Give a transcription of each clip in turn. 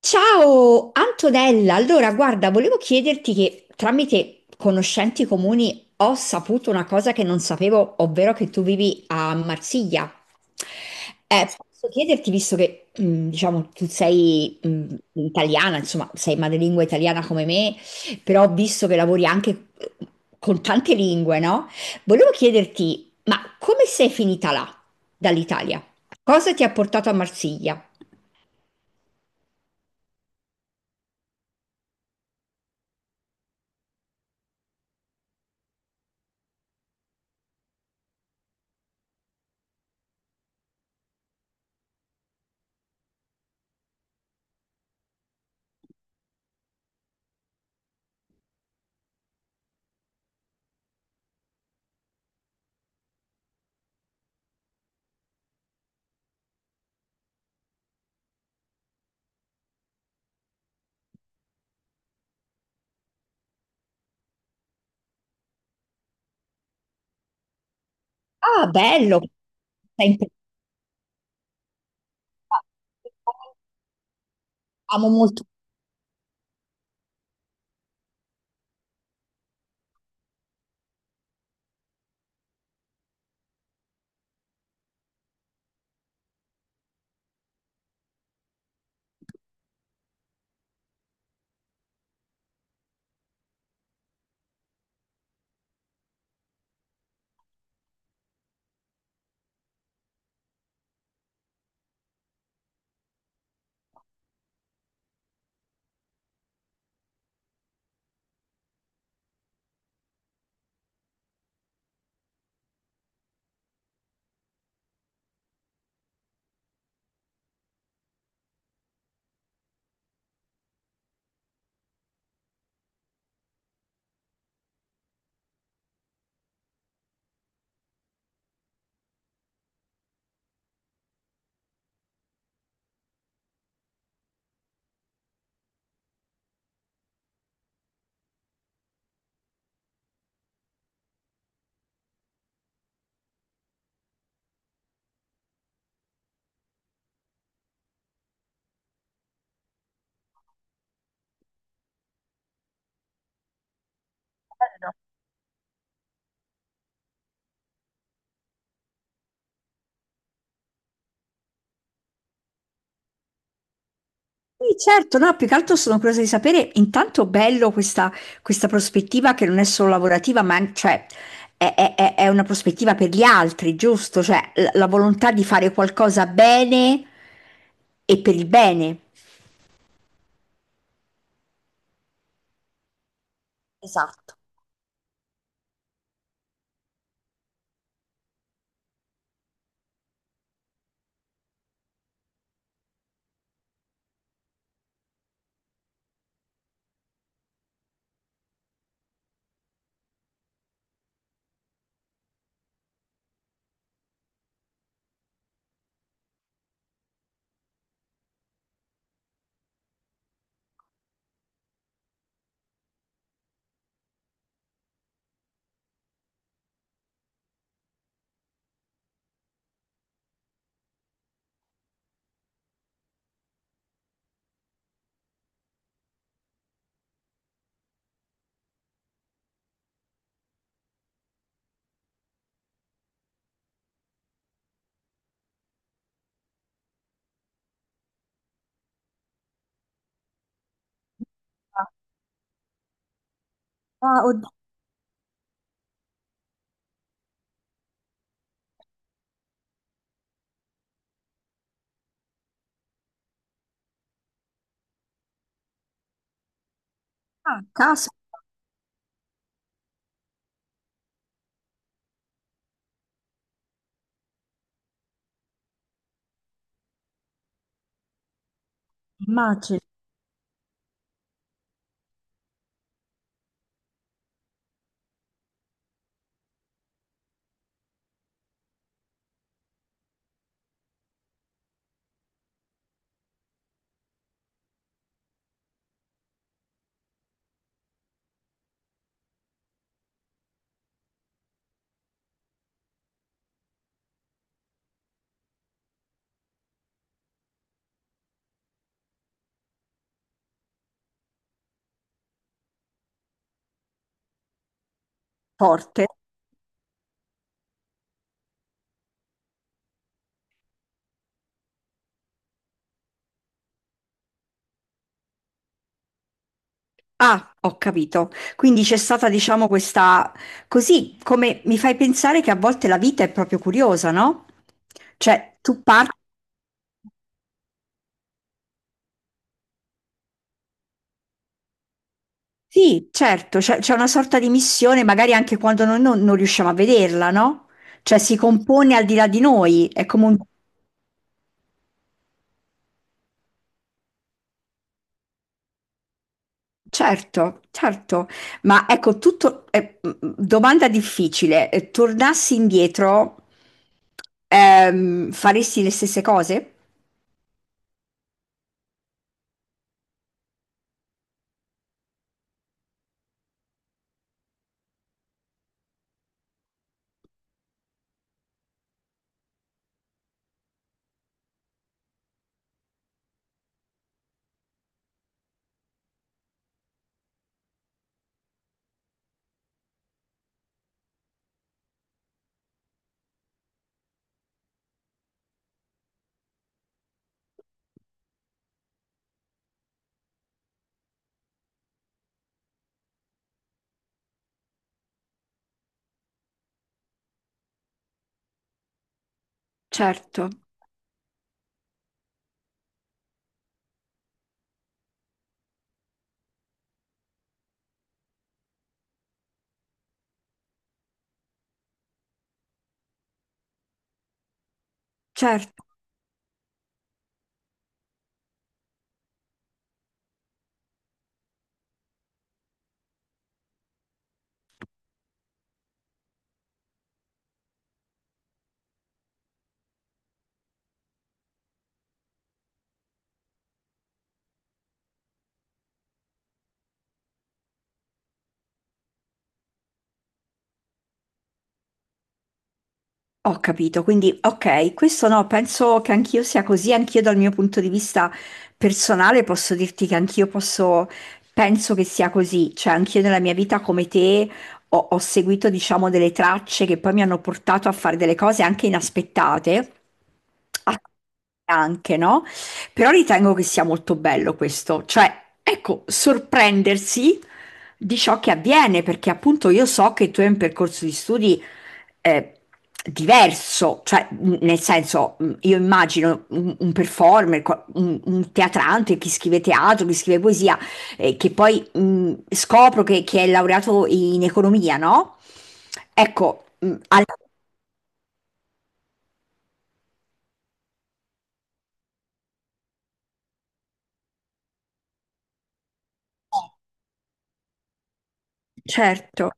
Ciao Antonella, allora guarda, volevo chiederti che tramite conoscenti comuni ho saputo una cosa che non sapevo, ovvero che tu vivi a Marsiglia. Posso chiederti, visto che diciamo tu sei italiana, insomma sei madrelingua italiana come me, però ho visto che lavori anche eh, con tante lingue, no? Volevo chiederti, ma come sei finita là, dall'Italia? Cosa ti ha portato a Marsiglia? Ah, bello! Amo molto. Sì, certo, no, più che altro sono curiosa di sapere, intanto bello questa, questa prospettiva che non è solo lavorativa, ma cioè, è una prospettiva per gli altri, giusto? Cioè, la volontà di fare qualcosa bene e per il bene. Esatto. Ah, oddio. Ah, caspita. Immagino. Forte. Ah, ho capito. Quindi c'è stata, diciamo, questa... Così come mi fai pensare che a volte la vita è proprio curiosa, no? Cioè, tu parti... Sì, certo, c'è una sorta di missione, magari anche quando noi non, non riusciamo a vederla, no? Cioè, si compone al di là di noi, è come un... Certo, certo. Ma ecco, tutto... domanda difficile. Tornassi indietro, faresti le stesse cose? Certo, certo. Ho capito, quindi ok, questo no, penso che anch'io sia così, anch'io dal mio punto di vista personale posso dirti che anch'io posso, penso che sia così, cioè anch'io nella mia vita come te ho seguito diciamo delle tracce che poi mi hanno portato a fare delle cose anche inaspettate, a- anche no? Però ritengo che sia molto bello questo, cioè ecco, sorprendersi di ciò che avviene, perché appunto io so che tu hai un percorso di studi eh, diverso, cioè nel senso, io immagino un performer, un teatrante, chi scrive teatro, chi scrive poesia, che poi scopro che è laureato in economia, no? Ecco, certo,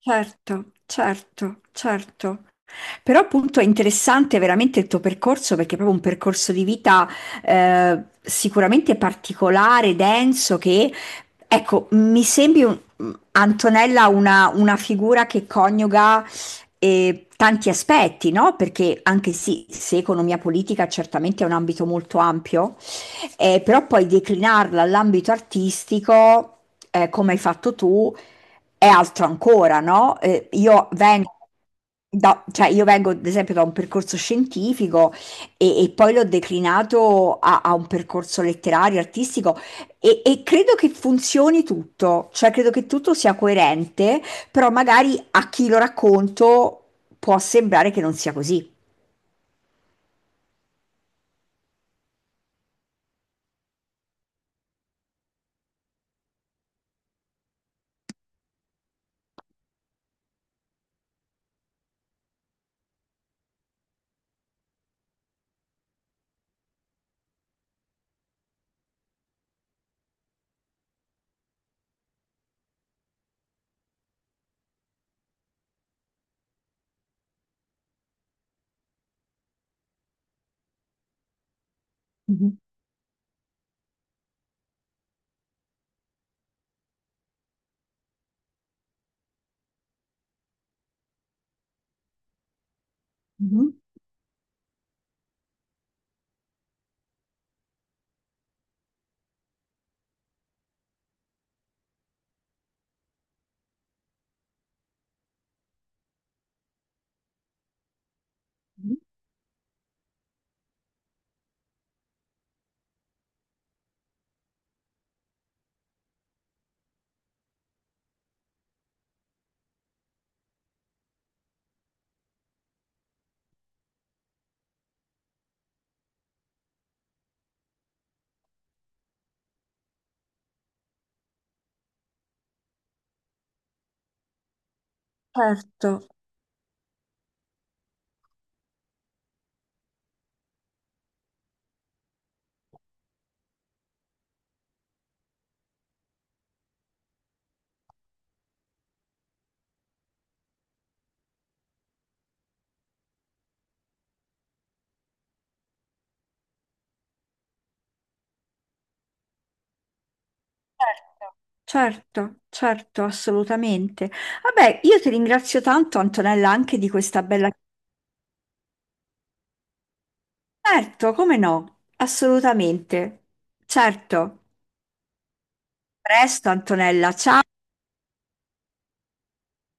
certo, certo. Però appunto è interessante veramente il tuo percorso perché è proprio un percorso di vita sicuramente particolare, denso, che ecco, Antonella una figura che coniuga tanti aspetti, no? Perché anche sì, se economia politica certamente è un ambito molto ampio, però poi declinarla all'ambito artistico, come hai fatto tu, è altro ancora, no, io vengo da cioè io vengo ad esempio da un percorso scientifico e poi l'ho declinato a un percorso letterario, artistico e credo che funzioni tutto, cioè credo che tutto sia coerente, però magari a chi lo racconto può sembrare che non sia così. Mh-mh, mh-mh, mh-mh. Certo, certo, certo, assolutamente. Vabbè, io ti ringrazio tanto Antonella anche di questa bella. Certo, come no? Assolutamente. Certo. Presto, Antonella. Ciao.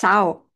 Ciao.